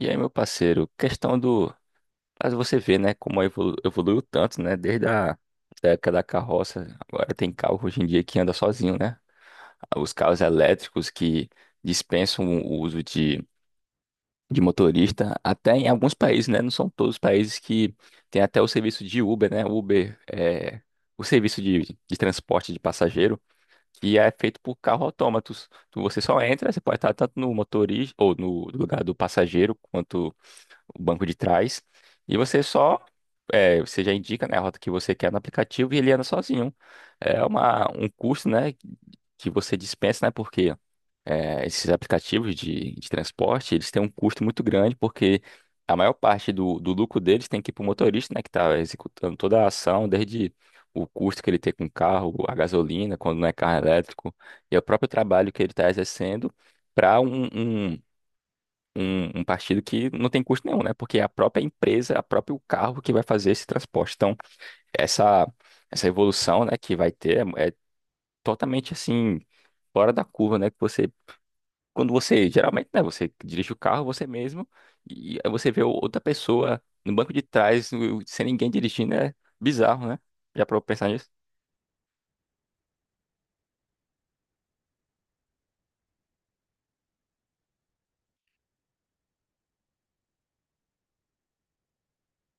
E aí, meu parceiro, questão do. Mas você vê, né, como evoluiu tanto, né? Desde a Da época da carroça, agora tem carro hoje em dia que anda sozinho, né? Os carros elétricos que dispensam o uso de motorista, até em alguns países, né? Não são todos os países que tem até o serviço de Uber, né? Uber é o serviço de transporte de passageiro, que é feito por carro autômatos. Você só entra, você pode estar tanto no motorista ou no lugar do passageiro quanto o banco de trás, e você só, você já indica, né, a rota que você quer no aplicativo e ele anda sozinho. É um custo, né, que você dispensa, né, porque esses aplicativos de transporte, eles têm um custo muito grande, porque a maior parte do lucro deles tem que ir para o motorista, né, que está executando toda a ação, desde o custo que ele tem com o carro, a gasolina, quando não é carro elétrico, e é o próprio trabalho que ele está exercendo para um partido que não tem custo nenhum, né? Porque é a própria empresa, a próprio carro que vai fazer esse transporte. Então, essa, essa evolução, né, que vai ter é totalmente assim, fora da curva, né? Que você, quando você, geralmente, né, você dirige o carro você mesmo e aí você vê outra pessoa no banco de trás, sem ninguém dirigindo, é bizarro, né? Já para pensar nisso?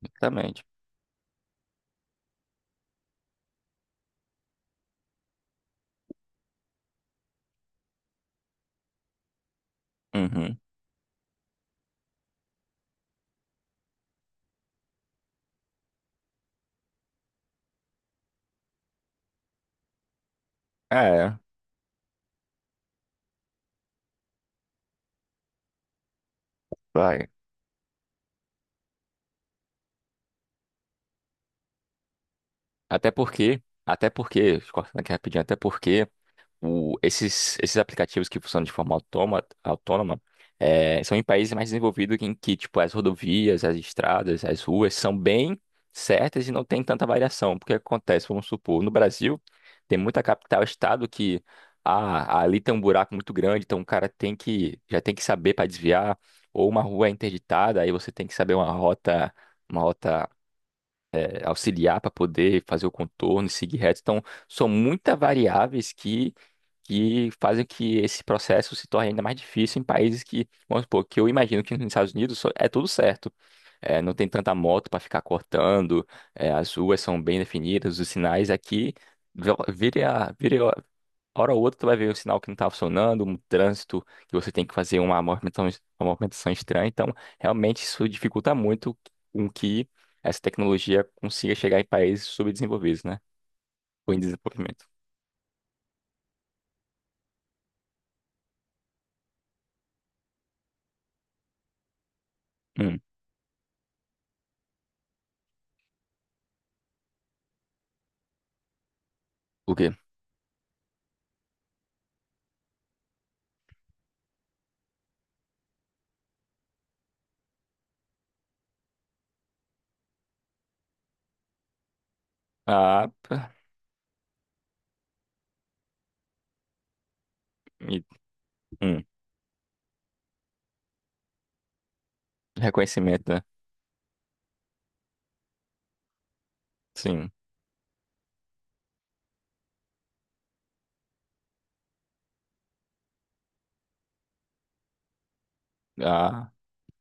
Exatamente. Uhum. É, vai. Até porque, cortando aqui rapidinho, até porque. Esses aplicativos que funcionam de forma autônoma são em países mais desenvolvidos em que, tipo, as rodovias, as estradas, as ruas são bem certas e não tem tanta variação. Porque acontece, vamos supor, no Brasil, tem muita capital, estado que ah, ali tem um buraco muito grande, então o cara tem que, já tem que saber para desviar, ou uma rua é interditada, aí você tem que saber uma rota auxiliar para poder fazer o contorno e seguir reto. Então, são muitas variáveis que fazem que esse processo se torne ainda mais difícil em países que, vamos supor, que eu imagino que nos Estados Unidos é tudo certo. É, não tem tanta moto para ficar cortando, é, as ruas são bem definidas, os sinais aqui. Vira, hora ou outra tu vai ver um sinal que não tá funcionando, um trânsito que você tem que fazer uma movimentação estranha. Então, realmente isso dificulta muito com que essa tecnologia consiga chegar em países subdesenvolvidos, né? Ou em desenvolvimento. Hum. O quê? Ah, e- hum. Reconhecimento, né? Sim. Ah,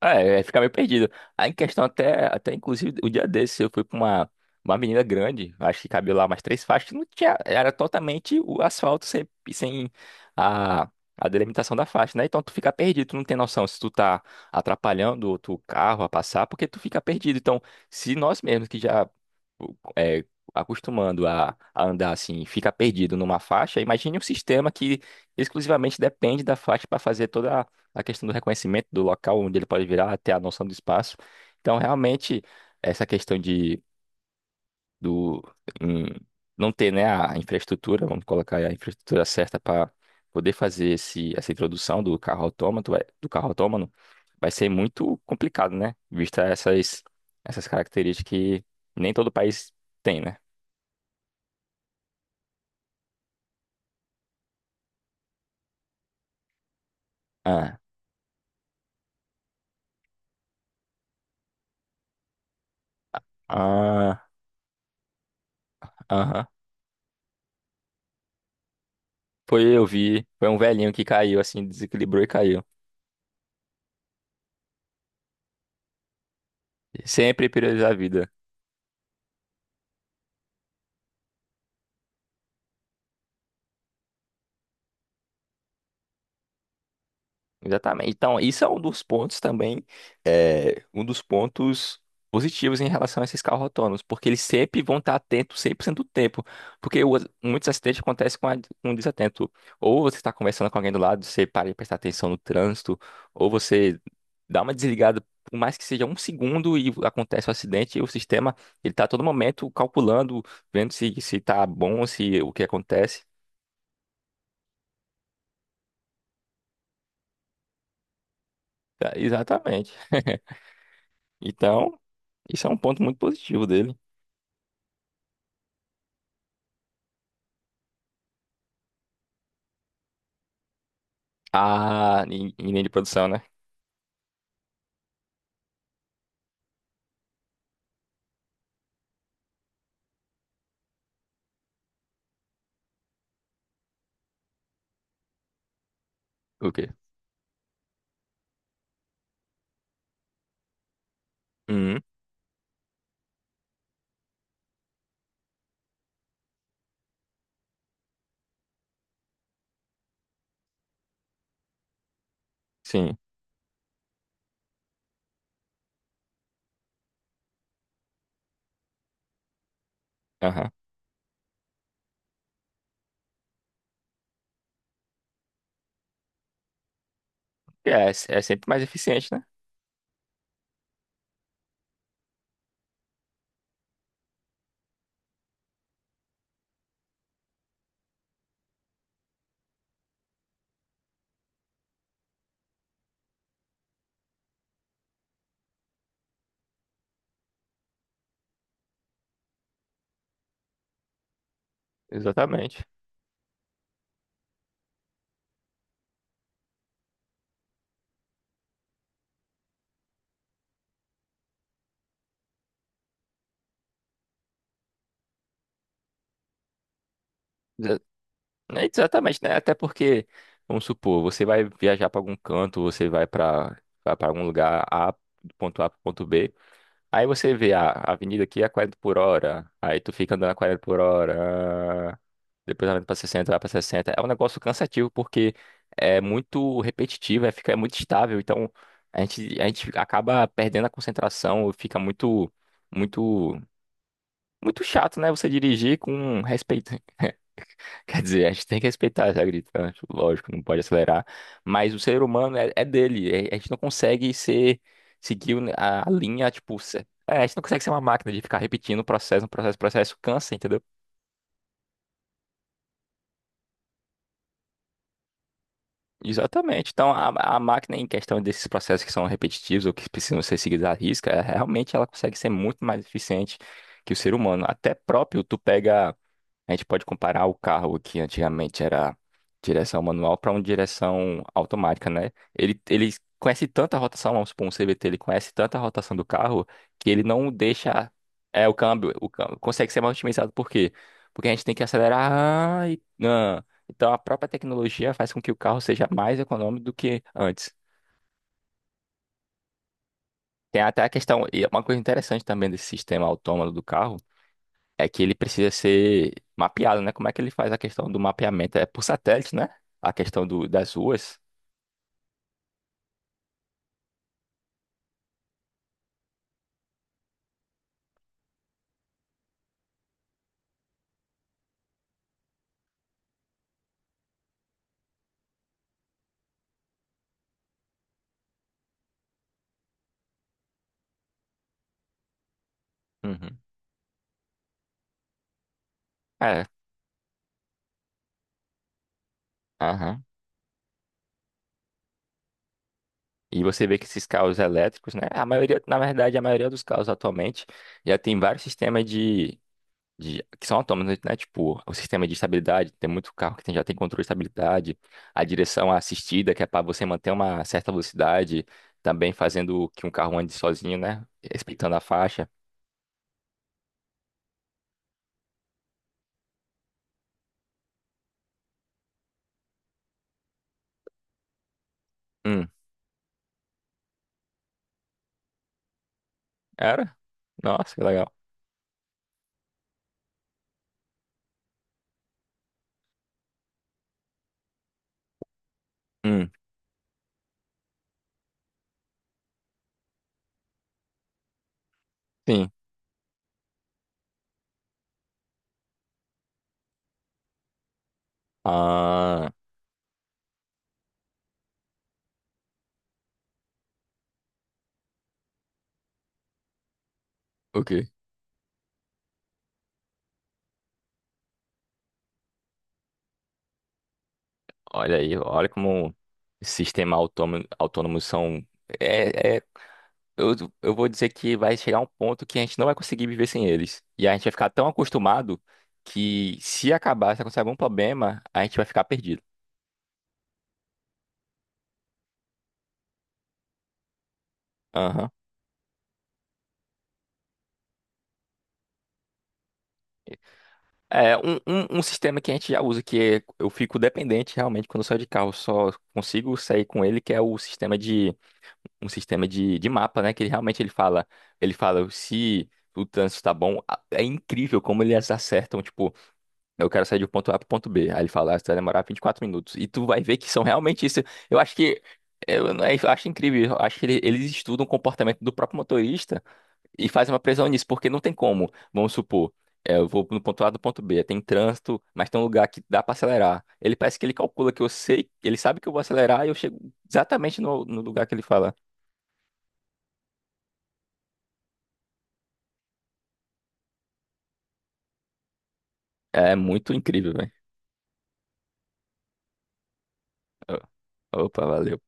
é, aí fica meio perdido. Aí em questão até, até inclusive o dia desse eu fui pra uma menina grande, acho que cabia lá umas três faixas, que não tinha, era totalmente o asfalto sem a, a delimitação da faixa, né? Então tu fica perdido, tu não tem noção se tu tá atrapalhando outro carro a passar, porque tu fica perdido. Então, se nós mesmos que já é, acostumando a andar assim, fica perdido numa faixa, imagine um sistema que exclusivamente depende da faixa para fazer toda a questão do reconhecimento do local onde ele pode virar, até a noção do espaço. Então, realmente, essa questão de do hum, não ter, né, a infraestrutura, vamos colocar aí a infraestrutura certa para poder fazer essa introdução do carro autômato, do carro autônomo, vai ser muito complicado, né? Vista essas essas características que nem todo país tem, né? Ah, ah, aham. Foi eu vi, foi um velhinho que caiu assim, desequilibrou e caiu. Sempre priorizar a vida. Exatamente. Então, isso é um dos pontos também, é, um dos pontos positivos em relação a esses carros autônomos, porque eles sempre vão estar atentos 100% do tempo, porque muitos acidentes acontecem com, a, com um desatento. Ou você está conversando com alguém do lado, você para de prestar atenção no trânsito, ou você dá uma desligada, por mais que seja um segundo e acontece o acidente, e o sistema ele está a todo momento calculando, vendo se se está bom, se o que acontece. Tá, exatamente. Então, isso é um ponto muito positivo dele. Ah, em em linha de produção, né? O quê? Uhum, sim. Aham. É, é sempre mais eficiente, né? Exatamente. Exa- é exatamente, né? Até porque, vamos supor, você vai viajar para algum canto, você vai para algum lugar A, do ponto A para ponto B. Aí você vê a avenida aqui é a 40 por hora. Aí tu fica andando a 40 por hora. Ah, depois ela vai pra 60, vai pra 60. É um negócio cansativo porque é muito repetitivo, é, fica, é muito estável. Então a gente acaba perdendo a concentração, fica muito, muito, muito chato, né? Você dirigir com respeito. Quer dizer, a gente tem que respeitar essa gritante, lógico, não pode acelerar. Mas o ser humano é dele. A gente não consegue ser, seguir a linha, tipo, é, a gente não consegue ser uma máquina de ficar repetindo o processo, um processo, processo, cansa, entendeu? Exatamente. Então, a máquina, em questão desses processos que são repetitivos ou que precisam ser seguidos à risca, realmente ela consegue ser muito mais eficiente que o ser humano. Até próprio, tu pega. A gente pode comparar o carro que antigamente era direção manual para uma direção automática, né? Ele conhece tanta rotação, vamos supor, um CVT, ele conhece tanta rotação do carro que ele não deixa é o câmbio consegue ser mais otimizado. Por quê? Porque a gente tem que acelerar ah, e ah. Então a própria tecnologia faz com que o carro seja mais econômico do que antes. Tem até a questão, e é uma coisa interessante também desse sistema autônomo do carro é que ele precisa ser mapeado, né? Como é que ele faz a questão do mapeamento? É por satélite, né? A questão do, das ruas. Uhum. É, aham. E você vê que esses carros elétricos, né? A maioria, na verdade, a maioria dos carros atualmente já tem vários sistemas de que são autônomos, né? Tipo, o sistema de estabilidade, tem muito carro que já tem controle de estabilidade, a direção assistida, que é para você manter uma certa velocidade, também fazendo que um carro ande sozinho, né? Respeitando a faixa. Hum, era? Nossa, que legal. Hum. Sim. Ah, ok. Olha aí, olha como sistemas autônomos são. É, eu, eu vou dizer que vai chegar um ponto que a gente não vai conseguir viver sem eles. E a gente vai ficar tão acostumado que se acabar, se acontecer algum problema, a gente vai ficar perdido. Aham. É um, um, um sistema que a gente já usa, que é, eu fico dependente realmente quando eu saio de carro, só consigo sair com ele, que é o sistema um sistema de mapa, né? Que ele realmente ele fala se o trânsito está bom. É incrível como eles acertam, tipo, eu quero sair do ponto A pro ponto B. Aí ele fala, ah, você vai demorar 24 minutos. E tu vai ver que são realmente isso. Eu acho que é, eu acho incrível, eu acho que eles estudam o comportamento do próprio motorista e fazem uma previsão nisso, porque não tem como, vamos supor, é, eu vou no ponto A do ponto B, tem trânsito, mas tem um lugar que dá pra acelerar. Ele parece que ele calcula que eu sei, ele sabe que eu vou acelerar e eu chego exatamente no lugar que ele fala. É muito incrível, velho. Opa, valeu.